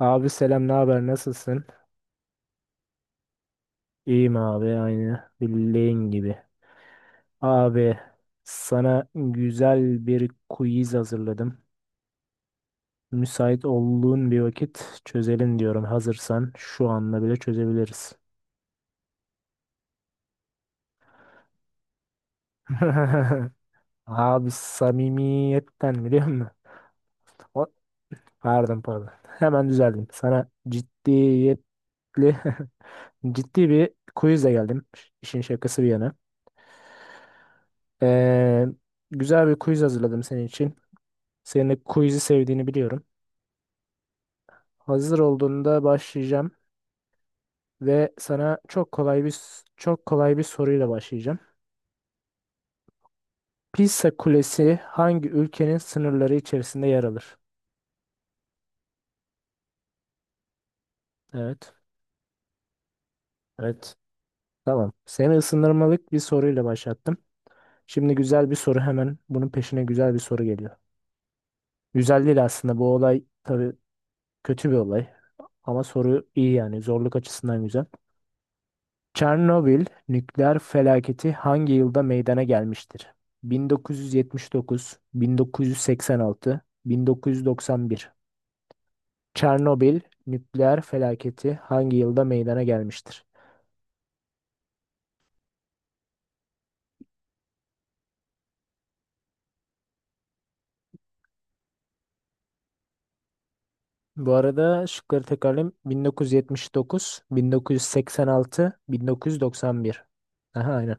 Abi selam, ne haber? Nasılsın? İyiyim abi, aynı bildiğin gibi. Abi sana güzel bir quiz hazırladım. Müsait olduğun bir vakit çözelim diyorum. Hazırsan şu anda bile çözebiliriz. Abi samimiyetten biliyor musun? O- Pardon pardon. Hemen düzeldim. Sana ciddiyetli ciddi bir quizle geldim. İşin şakası bir yana. Ee, Güzel bir quiz hazırladım senin için. Senin de quiz'i sevdiğini biliyorum. Hazır olduğunda başlayacağım ve sana çok kolay bir soruyla başlayacağım. Pisa Kulesi hangi ülkenin sınırları içerisinde yer alır? Evet. Evet. Tamam. Seni ısındırmalık bir soruyla başlattım. Şimdi güzel bir soru hemen. Bunun peşine güzel bir soru geliyor. Güzel değil aslında bu olay tabii, kötü bir olay ama soru iyi yani zorluk açısından güzel. Çernobil nükleer felaketi hangi yılda meydana gelmiştir? 1979, 1986, 1991. Çernobil nükleer felaketi hangi yılda meydana gelmiştir? Bu arada şıkları tekrarlayayım. 1979, 1986, 1991. Aha aynen.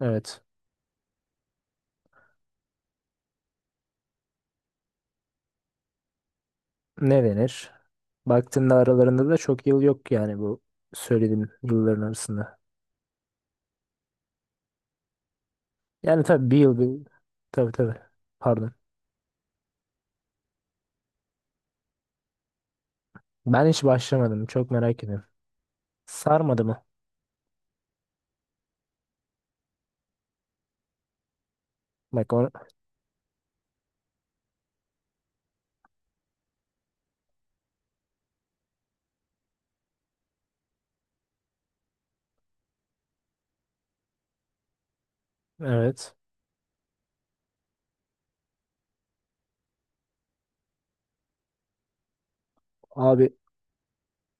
Evet. Ne denir? Baktığında aralarında da çok yıl yok yani bu söylediğim yılların arasında. Yani tabii bir yıl bir... Tabii tabii. Pardon. Ben hiç başlamadım. Çok merak ediyorum. Sarmadı mı? Bak o... Evet. Abi,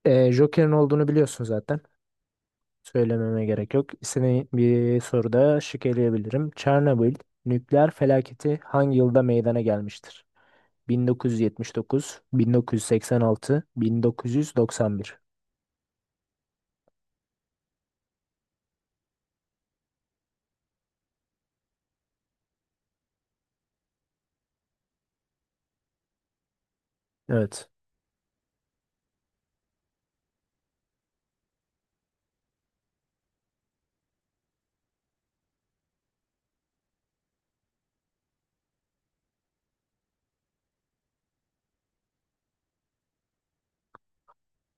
Joker'in olduğunu biliyorsun zaten. Söylememe gerek yok. Seni bir soruda şık eleyebilirim. Çernobil nükleer felaketi hangi yılda meydana gelmiştir? 1979, 1986, 1991. Evet.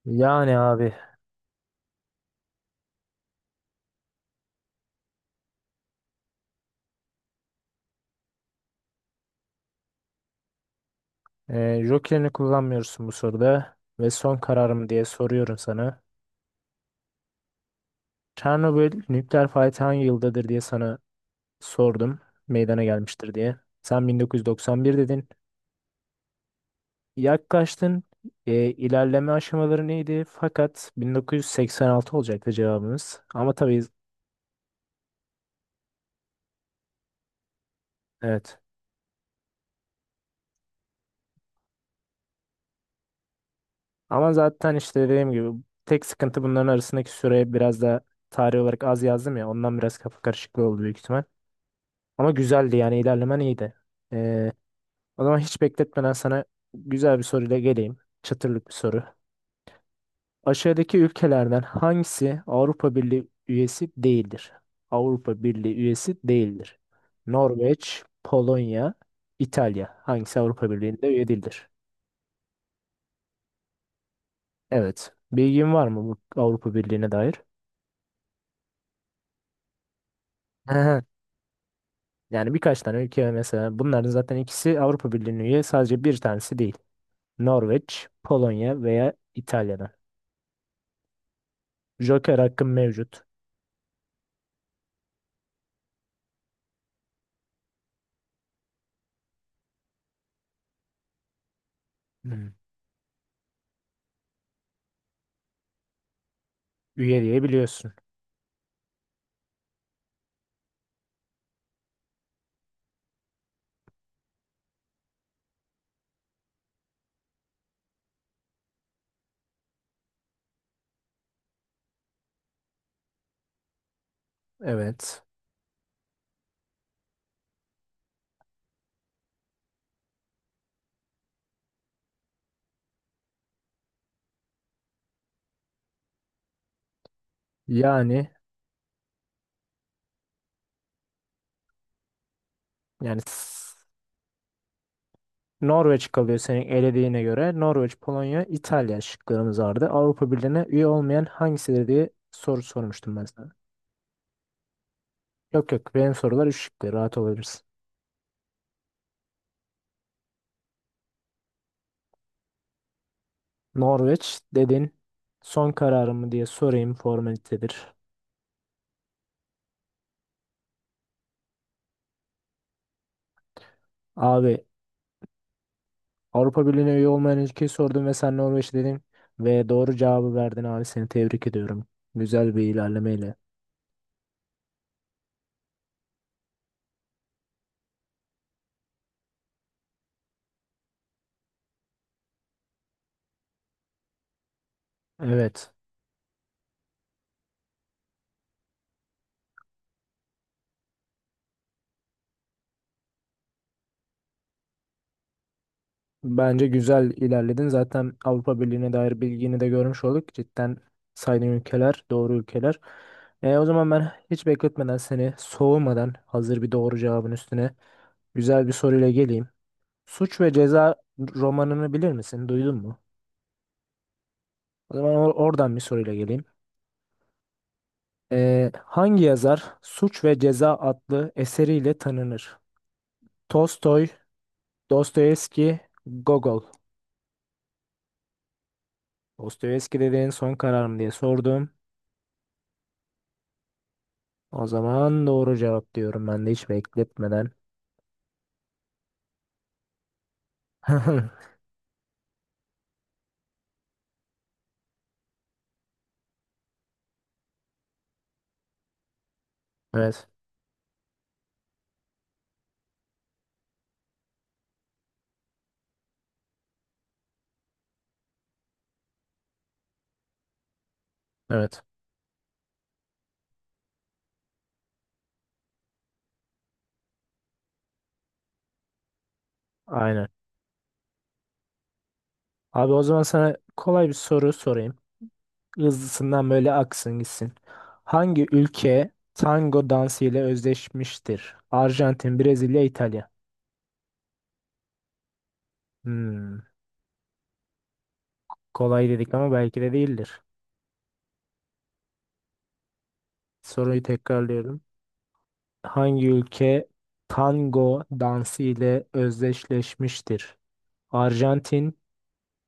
Yani abi, Joker'ini kullanmıyorsun bu soruda ve son kararım diye soruyorum sana. Çernobil nükleer felaketi hangi yıldadır diye sana sordum, meydana gelmiştir diye. Sen 1991 dedin. Yaklaştın. İlerleme aşamaları neydi? Fakat 1986 olacaktı cevabımız. Ama tabii, evet. Ama zaten işte dediğim gibi tek sıkıntı bunların arasındaki süreye biraz da tarih olarak az yazdım ya. Ondan biraz kafa karışıklığı oldu büyük ihtimal. Ama güzeldi yani ilerlemen iyiydi. E, O zaman hiç bekletmeden sana güzel bir soruyla geleyim. Çıtırlık bir soru. Aşağıdaki ülkelerden hangisi Avrupa Birliği üyesi değildir? Avrupa Birliği üyesi değildir. Norveç, Polonya, İtalya. Hangisi Avrupa Birliği'nde üye değildir? Evet. Bilgin var mı bu Avrupa Birliği'ne dair? Aha. Yani birkaç tane ülke mesela, bunların zaten ikisi Avrupa Birliği'ne üye, sadece bir tanesi değil. Norveç, Polonya veya İtalya'dan. Joker hakkın mevcut. Hmm. Üye diye biliyorsun. Evet. Yani yani Norveç kalıyor senin elediğine göre. Norveç, Polonya, İtalya şıklarımız vardı. Avrupa Birliği'ne üye olmayan hangisidir diye soru sormuştum ben sana. Yok yok, benim sorular üç şıklı, rahat olabilirsin. Norveç dedin. Son kararımı diye sorayım, formalitedir. Abi, Avrupa Birliği'ne üye olmayan ülkeyi sordum ve sen Norveç dedin. Ve doğru cevabı verdin abi, seni tebrik ediyorum. Güzel bir ilerlemeyle. Evet. Bence güzel ilerledin. Zaten Avrupa Birliği'ne dair bilgini de görmüş olduk. Cidden saydığın ülkeler, doğru ülkeler. O zaman ben hiç bekletmeden, seni soğumadan, hazır bir doğru cevabın üstüne güzel bir soruyla geleyim. Suç ve Ceza romanını bilir misin? Duydun mu? O zaman oradan bir soruyla geleyim. Hangi yazar Suç ve Ceza adlı eseriyle tanınır? Tolstoy, Dostoyevski, Gogol. Dostoyevski dediğin, son kararım diye sordum. O zaman doğru cevap diyorum ben de hiç bekletmeden. Evet. Evet. Aynen. Abi o zaman sana kolay bir soru sorayım. Hızlısından böyle aksın gitsin. Hangi ülke tango dansı ile özdeşmiştir? Arjantin, Brezilya, İtalya. Hmm, Kolay dedik ama belki de değildir. Soruyu tekrarlıyorum. Hangi ülke tango dansı ile özdeşleşmiştir? Arjantin,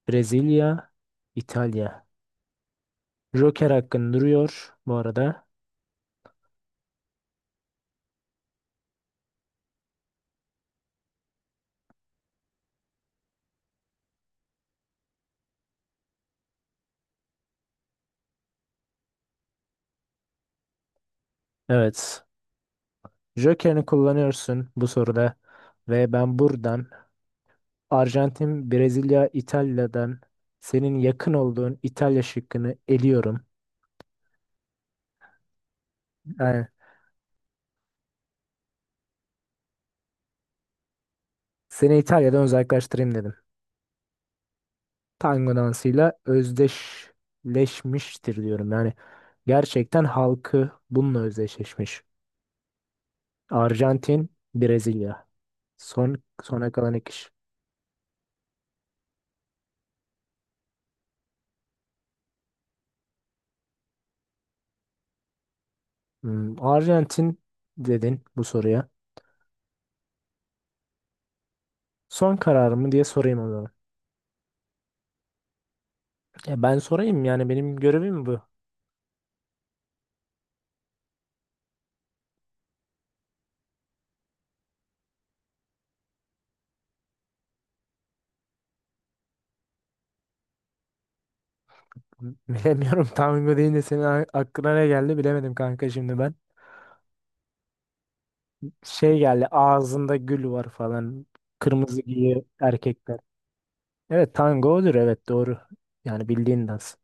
Brezilya, İtalya. Joker hakkın duruyor bu arada. Evet. Joker'ini kullanıyorsun bu soruda. Ve ben buradan Arjantin, Brezilya, İtalya'dan senin yakın olduğun İtalya şıkkını eliyorum. Yani seni İtalya'dan uzaklaştırayım dedim. Tango dansıyla özdeşleşmiştir diyorum. Yani gerçekten halkı bununla özdeşleşmiş. Arjantin, Brezilya. Son sona kalan iki kişi. Arjantin dedin bu soruya. Son kararımı diye sorayım o zaman. Ya ben sorayım yani, benim görevim bu. Bilemiyorum, tango deyince senin aklına ne geldi bilemedim kanka şimdi ben. Şey geldi, ağzında gül var falan. Kırmızı giyiyor erkekler. Evet tango odur, evet doğru. Yani bildiğin dans.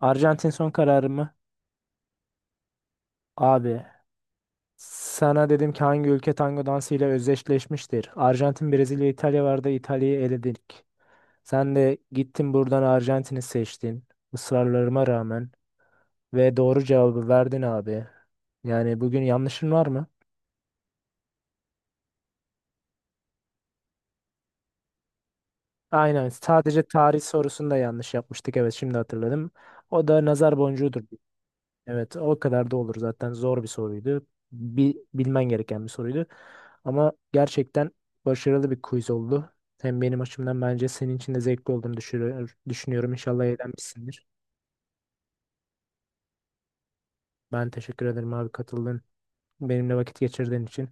Arjantin son kararı mı? Abi sana dedim ki hangi ülke tango dansıyla özdeşleşmiştir? Arjantin, Brezilya, İtalya vardı. İtalya'yı eledik. Sen de gittin buradan Arjantin'i seçtin. Israrlarıma rağmen. Ve doğru cevabı verdin abi. Yani bugün yanlışın var mı? Aynen. Sadece tarih sorusunda yanlış yapmıştık. Evet, şimdi hatırladım. O da nazar boncuğudur. Evet, o kadar da olur zaten. Zor bir soruydu. Bilmen gereken bir soruydu. Ama gerçekten başarılı bir quiz oldu. Hem benim açımdan, bence senin için de zevkli olduğunu düşünüyorum. İnşallah eğlenmişsindir. Ben teşekkür ederim abi, katıldın benimle vakit geçirdiğin için.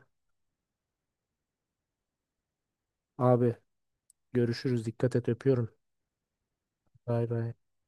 Abi görüşürüz. Dikkat et, öpüyorum. Bay bay.